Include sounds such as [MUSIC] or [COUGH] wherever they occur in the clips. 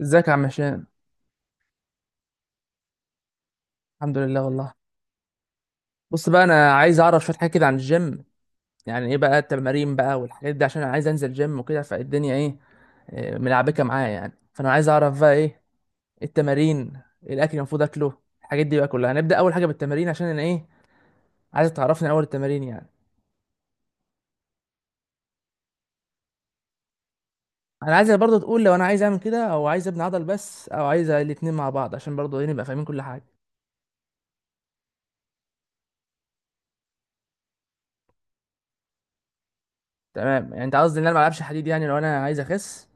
ازيك يا عم هشام؟ الحمد لله والله. بص بقى، انا عايز اعرف شويه حاجات كده عن الجيم. يعني ايه بقى التمارين بقى والحاجات دي، عشان انا عايز انزل جيم وكده، فالدنيا ايه؟ ملعبكه معايا يعني، فانا عاز اعرف بقى ايه التمارين، إيه الاكل اللي المفروض اكله، الحاجات دي بقى كلها. هنبدا اول حاجه بالتمارين، عشان انا ايه، عايز تعرفني اول التمارين يعني. انا عايزك برضه تقول لو انا عايز اعمل كده، او عايز ابني عضل بس، او عايز الاتنين مع بعض، عشان برضه ايه نبقى فاهمين كل حاجه. تمام، يعني انت قصدي ان انا ما العبش حديد يعني لو انا عايز اخس.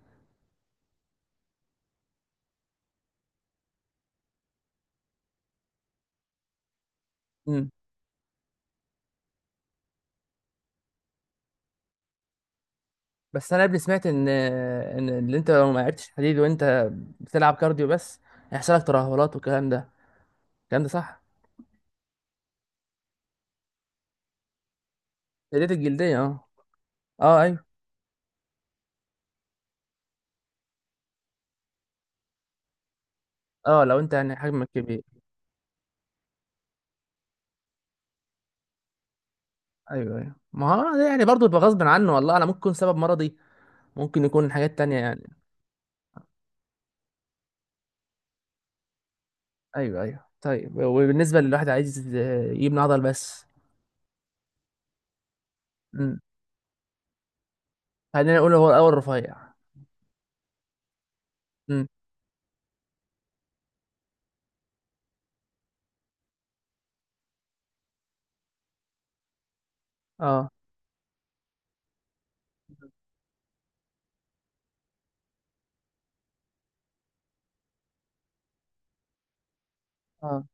بس انا قبل سمعت ان اللي انت لو ما لعبتش حديد وانت بتلعب كارديو بس هيحصل لك ترهلات والكلام ده، الكلام ده صح؟ ديت الجلديه، اه. اه، ايوه. اه، لو انت يعني حجمك كبير. ايوه، ايوه، ما هو ده يعني برضه يبقى غصب عنه والله، انا ممكن يكون سبب مرضي، ممكن يكون حاجات تانية يعني. ايوه، ايوه، طيب وبالنسبه للواحد عايز يبني عضل بس. امم. خلينا نقول هو الاول رفيع. امم. اه. اه،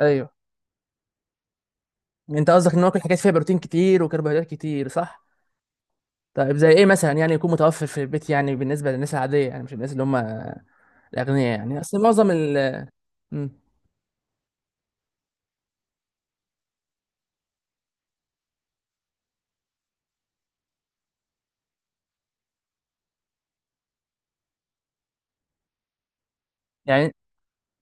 ايوه. انت قصدك ان هو كل حاجات فيها بروتين كتير وكربوهيدرات كتير، صح؟ طيب زي ايه مثلا يعني يكون متوفر في البيت، يعني بالنسبه للناس العاديه يعني، مش الناس اللي هم الاغنياء يعني، اصل معظم ال. مم. يعني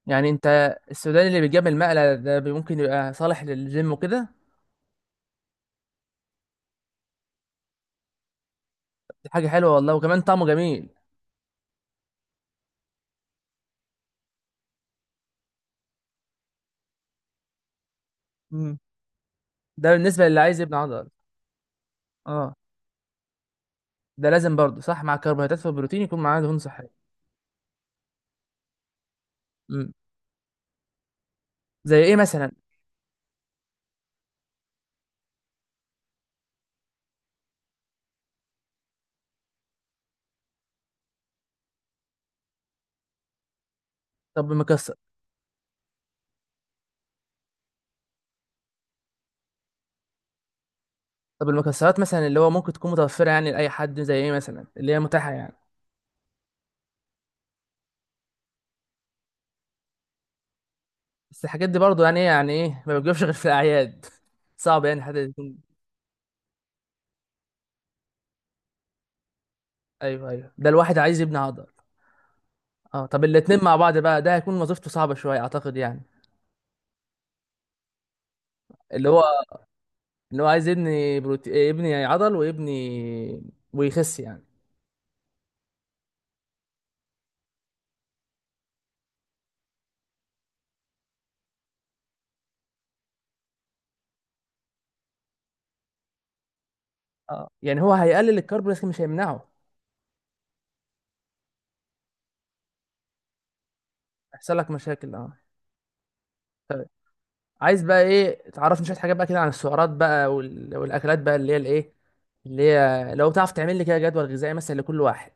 يعني انت السوداني اللي بيجيب المقلة ده ممكن يبقى صالح للجيم وكده؟ دي حاجه حلوه والله، وكمان طعمه جميل. مم. ده بالنسبه للي عايز يبني عضل. اه. ده لازم برضه صح مع الكربوهيدرات والبروتين يكون معاه دهون صحيه؟ مم. زي ايه مثلا؟ طب المكسر طب المكسرات مثلا اللي هو ممكن تكون متوفره يعني لاي حد، زي ايه مثلا اللي هي متاحه يعني؟ بس الحاجات دي برضو يعني ايه، ما بتجيبش غير في الاعياد [LAUGHS] صعب يعني حد يكون. ايوه، ايوه، ده الواحد عايز يبني عضل. اه، طب الاتنين مع بعض بقى ده هيكون وظيفته صعبة شوية اعتقد يعني. اللي هو اللي هو عايز يبني بروتي... آه، يبني عضل ويبني ويخس يعني. اه، يعني هو هيقلل الكرب لكن مش هيمنعه. هيحصل لك مشاكل، اه. عايز بقى ايه تعرفني شوية حاجات بقى كده عن السعرات بقى والاكلات بقى اللي هي الايه، اللي هي لو تعرف تعمل لي كده جدول غذائي مثلا لكل واحد.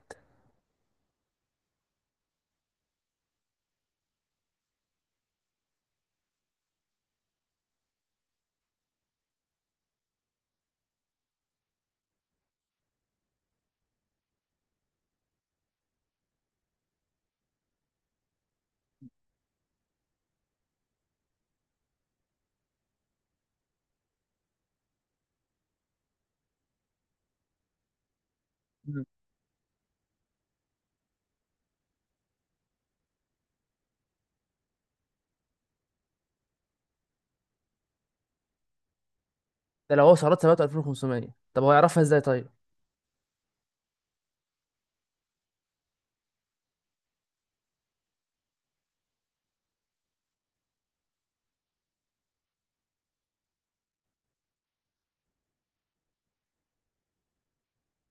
مم. ده لو هو سعرات ثابته 2500، طب هو يعرفها ازاي طيب؟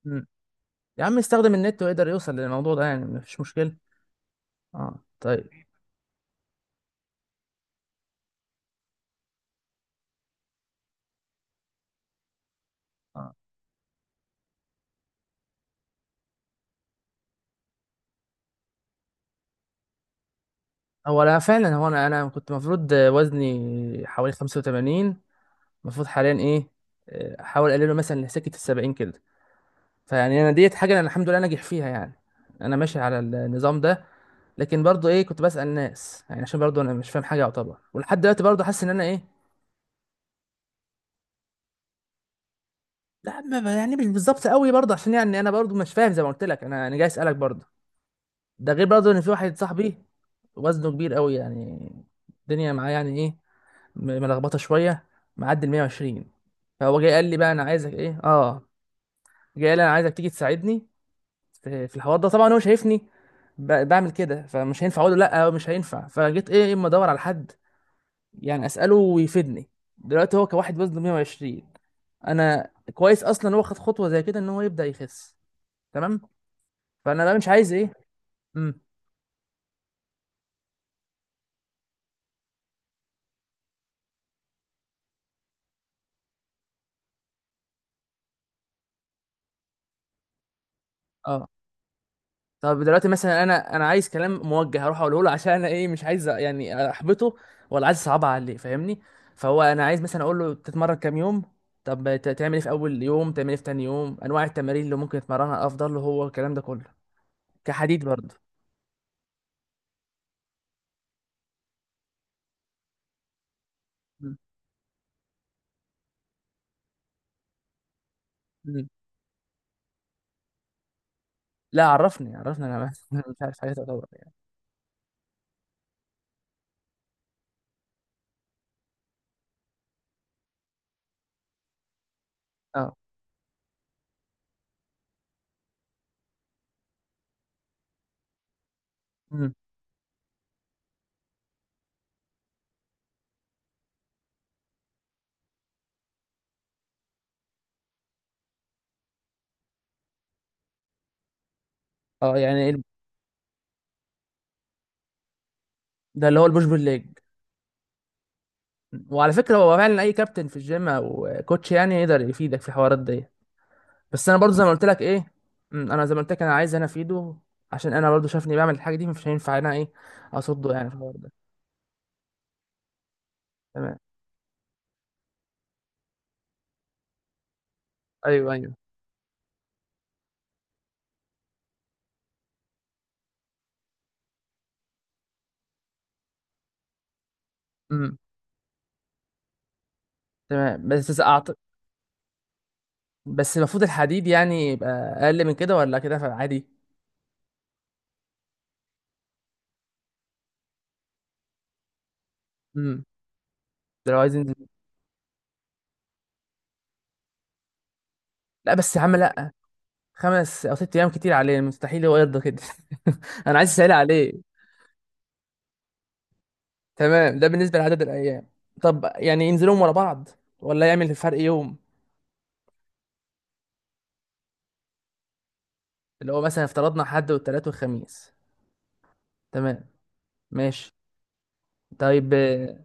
مم. يا عم يستخدم النت ويقدر يوصل للموضوع ده يعني، مفيش مشكلة. اه، طيب. اه، هو انا فعلا، هو انا انا كنت المفروض وزني حوالي 85، المفروض حاليا ايه، احاول اقلله مثلا لسكة 70 كده. فيعني انا ديت حاجة انا الحمد لله ناجح فيها يعني، انا ماشي على النظام ده. لكن برضو ايه، كنت بسأل ناس يعني عشان برضو انا مش فاهم حاجة يعتبر، ولحد دلوقتي برضو حاسس ان انا ايه. لا، يعني مش بالظبط قوي برضو، عشان يعني انا برضو مش فاهم زي ما قلت لك، انا جاي اسألك برضو. ده غير برضه ان في واحد صاحبي وزنه كبير قوي يعني، الدنيا معاه يعني ايه، ملخبطه شويه، معدي ال 120. فهو جاي قال لي بقى انا عايزك ايه، اه جاي قال لي انا عايزك تيجي تساعدني في الحوار ده. طبعا هو شايفني بعمل كده، فمش هينفع اقول له لا، مش هينفع، فجيت ايه اما ادور على حد يعني اساله ويفيدني. دلوقتي هو كواحد وزنه 120، انا كويس اصلا هو خد خطوه زي كده ان هو يبدا يخس. تمام. فانا بقى مش عايز ايه. امم. اه، طب دلوقتي مثلا انا عايز كلام موجه هروح اقوله له، عشان انا ايه مش عايز يعني احبطه، ولا عايز اصعبها عليه، فاهمني؟ فهو انا عايز مثلا اقول له تتمرن كام يوم، طب تعمل ايه في اول يوم، تعمل ايه في تاني يوم، انواع التمارين اللي ممكن يتمرنها افضل له، هو الكلام ده كله كحديد برضه. م. م. لا، عرفني عرفني انا بس [LAUGHS] مش عارف حاجه تعتبر يعني. اه م. اه يعني ده اللي هو البوش بول ليج. وعلى فكره هو فعلا اي كابتن في الجيم او كوتش يعني يقدر يفيدك في الحوارات دي، بس انا برضو زي ما قلت لك ايه. مم، انا زي ما قلت لك انا عايز انا افيده، عشان انا برضو شافني بعمل الحاجه دي مش هينفع انا ايه، اصده يعني في الحوار ده. تمام. ايوه، ايوه. امم. تمام. بس إذا أعت... بس المفروض الحديد يعني يبقى اقل من كده، ولا كده عادي؟ امم. ده لو عايز ينزل. لا، بس يا عم لا، 5 او 6 ايام كتير عليه، مستحيل هو يرضى كده [LAUGHS] انا عايز اسهل عليه. تمام، ده بالنسبه لعدد الايام، طب يعني ينزلهم ورا بعض ولا يعمل فرق يوم؟ اللي هو مثلا افترضنا حد والتلات والخميس. تمام. ماشي. طيب.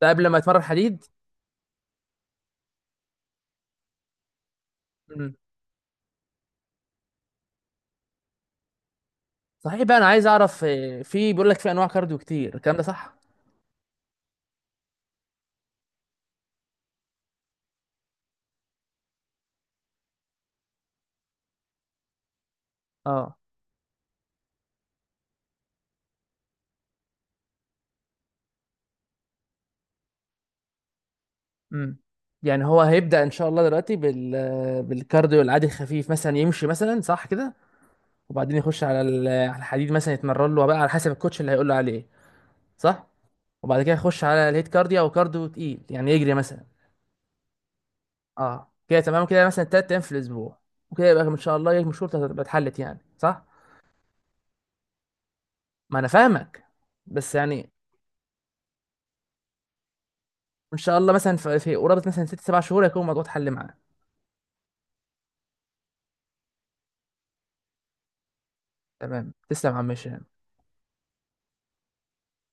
ده قبل ما اتمرن حديد. مم. صحيح بقى، انا عايز اعرف في بيقول لك في انواع كارديو كتير، الكلام ده صح؟ اه. امم. يعني هو هيبدأ ان شاء الله دلوقتي بالكارديو العادي الخفيف مثلا، يمشي مثلا صح كده، وبعدين يخش على على الحديد مثلا يتمرن له بقى على حسب الكوتش اللي هيقول له عليه، صح؟ وبعد كده يخش على الهيت كارديو او كارديو تقيل يعني، يجري مثلا. اه كده تمام، كده مثلا 3 ايام في الاسبوع وكده يبقى ان شاء الله مشكلتك هتبقى اتحلت يعني صح. ما انا فاهمك. بس يعني، وان شاء الله مثلا في قرابه مثلا ست سبع شهور هيكون الموضوع اتحل معاه. تمام، تسلم يا عم هشام.